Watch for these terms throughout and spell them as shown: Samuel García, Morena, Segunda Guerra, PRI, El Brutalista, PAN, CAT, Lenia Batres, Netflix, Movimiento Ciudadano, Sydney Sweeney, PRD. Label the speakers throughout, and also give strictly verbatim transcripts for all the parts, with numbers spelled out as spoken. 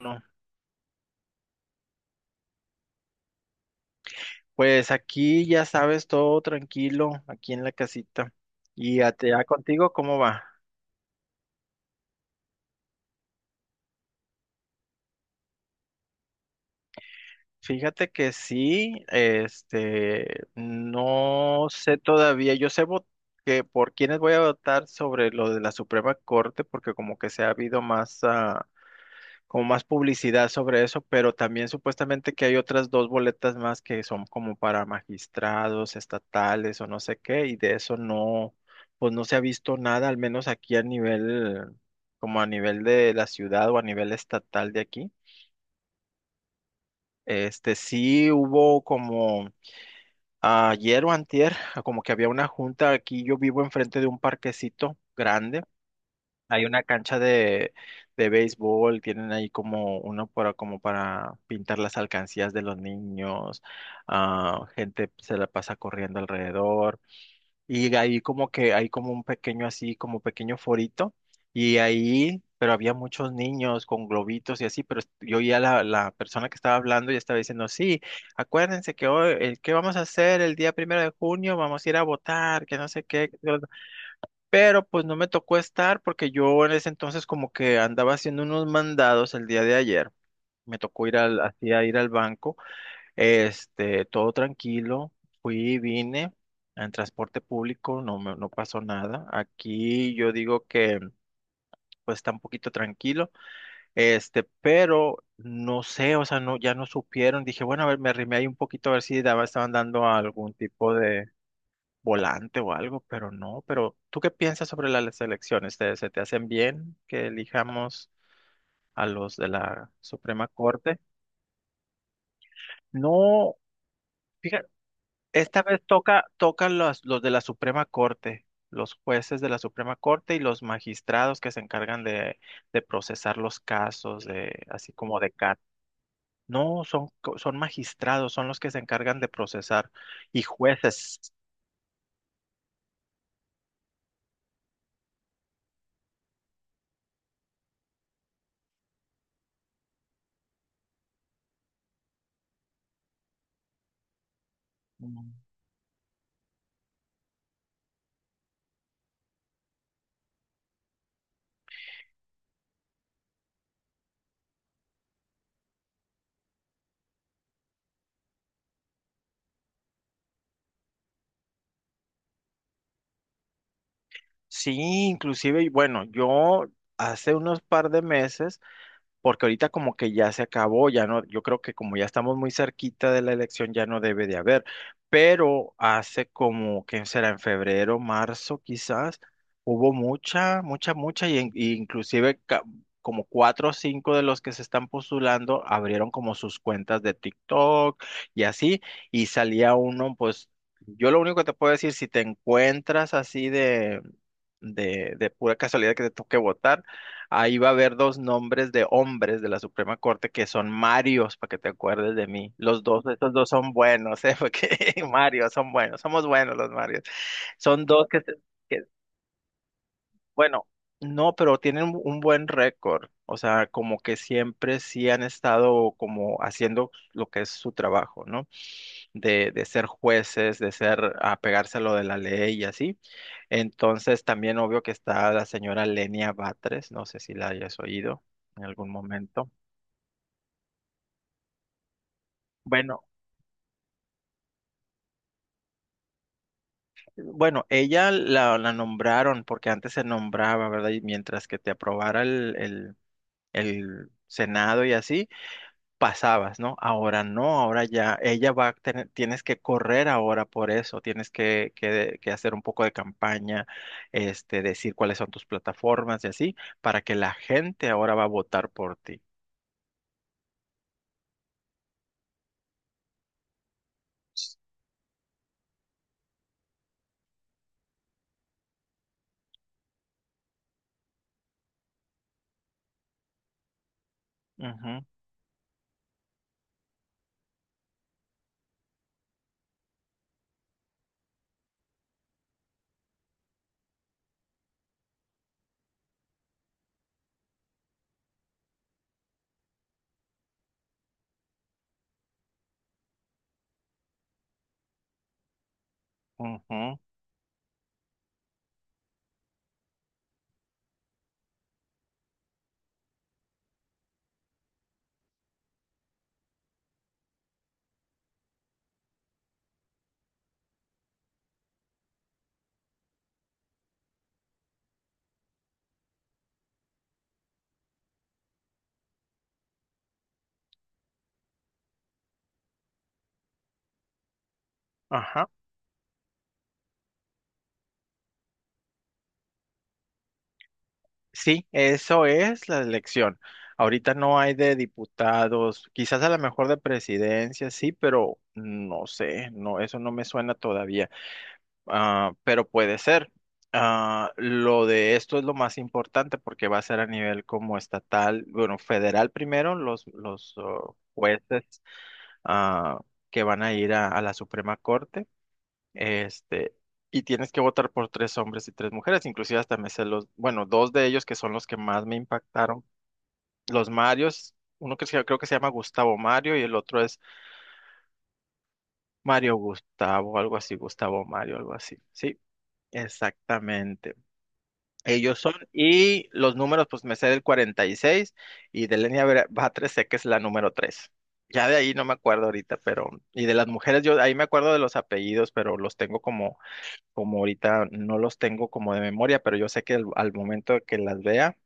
Speaker 1: No, pues aquí ya sabes, todo tranquilo, aquí en la casita. Y a- ya contigo, ¿cómo va? Fíjate que sí, este, no sé todavía, yo sé vo- que por quiénes voy a votar sobre lo de la Suprema Corte, porque como que se ha habido más ah, como más publicidad sobre eso, pero también supuestamente que hay otras dos boletas más que son como para magistrados, estatales o no sé qué, y de eso no, pues no se ha visto nada, al menos aquí a nivel, como a nivel de la ciudad o a nivel estatal de aquí. Este sí hubo como ayer o antier, como que había una junta aquí, yo vivo enfrente de un parquecito grande. Hay una cancha de, de béisbol, tienen ahí como uno para, como para pintar las alcancías de los niños, ah, gente se la pasa corriendo alrededor, y ahí como que hay como un pequeño así, como pequeño forito, y ahí, pero había muchos niños con globitos y así, pero est- yo oía la, la persona que estaba hablando y estaba diciendo, sí, acuérdense que hoy, el, ¿qué vamos a hacer el día primero de junio? Vamos a ir a votar, que no sé qué. Pero pues no me tocó estar porque yo en ese entonces como que andaba haciendo unos mandados el día de ayer. Me tocó ir al, así a ir al banco, este, todo tranquilo, fui, y vine en transporte público, no me, no pasó nada. Aquí yo digo que pues está un poquito tranquilo, este, pero no sé, o sea, no, ya no supieron. Dije, bueno, a ver, me arrimé ahí un poquito a ver si daba, estaban dando algún tipo de volante o algo, pero no. Pero, ¿tú qué piensas sobre las elecciones? ¿Te, se te hacen bien que elijamos a los de la Suprema Corte? No, fíjate, esta vez toca, toca los, los de la Suprema Corte, los jueces de la Suprema Corte y los magistrados que se encargan de, de procesar los casos, de, así como de C A T. No, son, co- son magistrados, son los que se encargan de procesar y jueces. Sí, inclusive, bueno, yo hace unos par de meses porque ahorita como que ya se acabó, ya no, yo creo que como ya estamos muy cerquita de la elección ya no debe de haber, pero hace como, ¿que será? En febrero, marzo quizás, hubo mucha, mucha, mucha, y, en- y inclusive ca- como cuatro o cinco de los que se están postulando abrieron como sus cuentas de TikTok y así, y salía uno, pues yo lo único que te puedo decir, si te encuentras así de... De, de pura casualidad que te toque votar, ahí va a haber dos nombres de hombres de la Suprema Corte que son Marios, para que te acuerdes de mí. Los dos, estos dos son buenos, ¿eh? Porque Marios son buenos, somos buenos los Marios. Son dos que, se- que- bueno, no, pero tienen un un buen récord. O sea, como que siempre sí han estado como haciendo lo que es su trabajo, ¿no? De, de ser jueces, de ser, apegarse a lo de la ley y así. Entonces, también obvio que está la señora Lenia Batres, no sé si la hayas oído en algún momento. Bueno, bueno, ella la, la nombraron porque antes se nombraba, ¿verdad? Y mientras que te aprobara el, el, el Senado y así, pasabas, ¿no? Ahora no, ahora ya, ella va a tener, tienes que correr ahora por eso, tienes que, que, que hacer un poco de campaña, este, decir cuáles son tus plataformas y así, para que la gente ahora va a votar por ti. Ujú. Ujú. Ajá. Sí, eso es la elección. Ahorita no hay de diputados, quizás a lo mejor de presidencia, sí, pero no sé, no, eso no me suena todavía. Ah, pero puede ser. Ah, lo de esto es lo más importante porque va a ser a nivel como estatal, bueno, federal primero, los, los oh, jueces ah, que van a ir a a la Suprema Corte. Este, y tienes que votar por tres hombres y tres mujeres, inclusive hasta me sé los, bueno, dos de ellos que son los que más me impactaron, los Marios, uno que se- creo que se llama Gustavo Mario y el otro es Mario Gustavo, algo así, Gustavo Mario, algo así, sí, exactamente. Ellos son, y los números, pues me sé del cuarenta y seis y de Lenia Bre- Batres sé que es la número tres. Ya de ahí no me acuerdo ahorita, pero, y de las mujeres, yo ahí me acuerdo de los apellidos, pero los tengo como como ahorita no los tengo como de memoria, pero yo sé que al, al momento que las vea,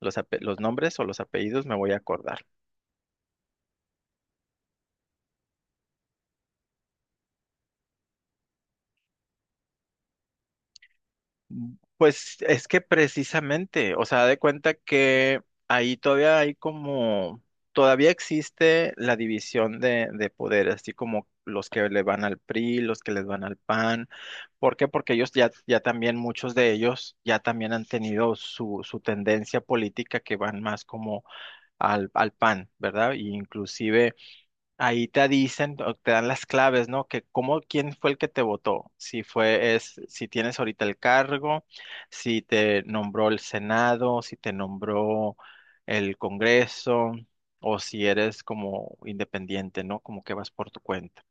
Speaker 1: los, ape- los nombres o los apellidos me voy a acordar. Mm, pues es que precisamente, o sea, de cuenta que ahí todavía hay como, todavía existe la división de, de poderes, así como los que le van al P R I, los que les van al PAN. ¿Por qué? Porque ellos ya, ya también, muchos de ellos ya también han tenido su, su tendencia política que van más como al, al pan, ¿verdad? Y inclusive ahí te dicen, o te dan las claves, ¿no? Que cómo, quién fue el que te votó, si fue, es, si tienes ahorita el cargo, si te nombró el Senado, si te nombró el Congreso, o si eres como independiente, ¿no? Como que vas por tu cuenta.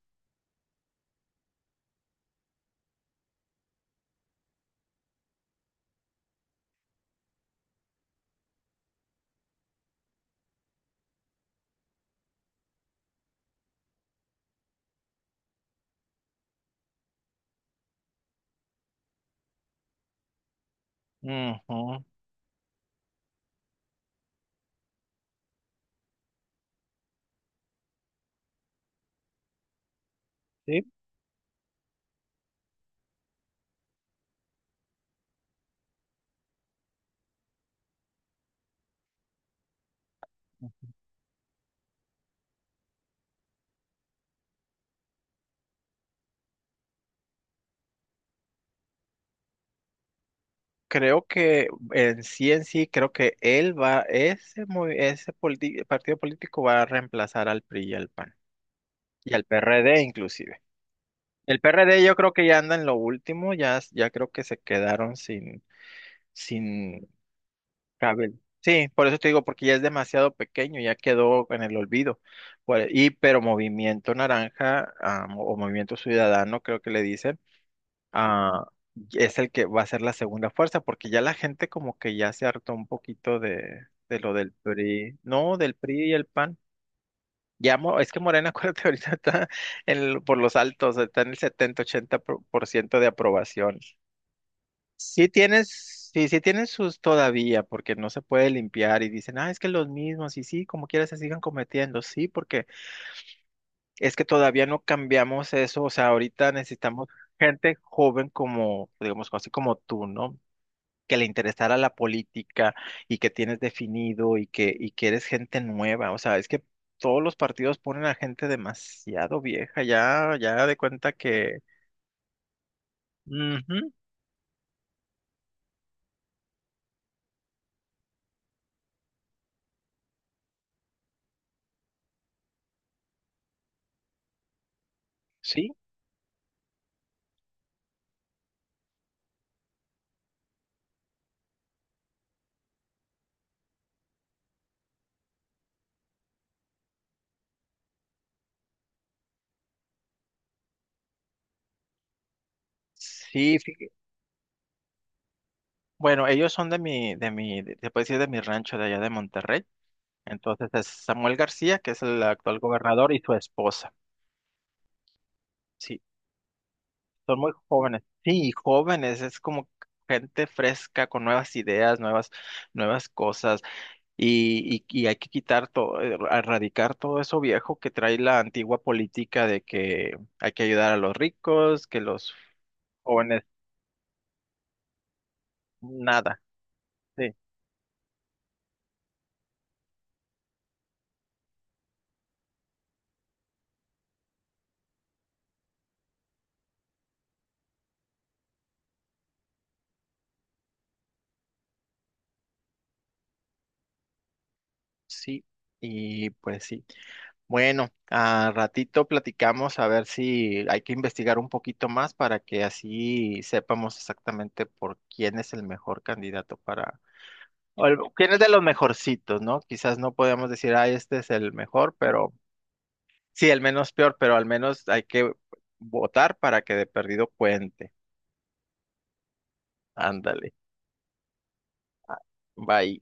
Speaker 1: Ujú. Sí. Creo que en sí, en sí, creo que él va, ese, movi- ese politi- partido político va a reemplazar al P R I y al PAN. Y el PRD inclusive. El P R D yo creo que ya anda en lo último, ya, ya creo que se quedaron sin, sin cabel. Sí, por eso te digo, porque ya es demasiado pequeño, ya quedó en el olvido. Por- Y pero Movimiento Naranja ah, mo- o Movimiento Ciudadano, creo que le dicen, ah, es el que va a ser la segunda fuerza, porque ya la gente como que ya se hartó un poquito de, de lo del P R I, no, del P R I y el PAN. Ya, Mo- es que Morena, acuérdate, ahorita está en el- por los altos, está en el setenta ochenta por por ciento de aprobación. Sí tienes, sí, sí tienen sus todavía, porque no se puede limpiar y dicen, ah, es que los mismos, y sí, como quieras se sigan cometiendo, sí, porque es que todavía no cambiamos eso, o sea, ahorita necesitamos gente joven como, digamos, así como tú, ¿no? Que le interesara la política y que tienes definido y que, y que eres gente nueva. O sea, es que todos los partidos ponen a gente demasiado vieja, ya, ya de cuenta que... Ujú, sí, sí. fí- Bueno, ellos son de mi, de mi, de- se puede decir de mi rancho de allá de Monterrey. Entonces es Samuel García, que es el actual gobernador, y su esposa. Sí, son muy jóvenes. Sí, jóvenes, es como gente fresca, con nuevas ideas, nuevas, nuevas cosas. Y, y, y hay que quitar todo, erradicar todo eso viejo que trae la antigua política de que hay que ayudar a los ricos, que los jóvenes, nada. Sí. Sí, y pues sí. Bueno, a ratito platicamos a ver si hay que investigar un poquito más para que así sepamos exactamente por quién es el mejor candidato para, o el- quién es de los mejorcitos, ¿no? Quizás no podemos decir, ah, este es el mejor, pero sí, el menos peor, pero al menos hay que votar para que de perdido cuente. Ándale, bye.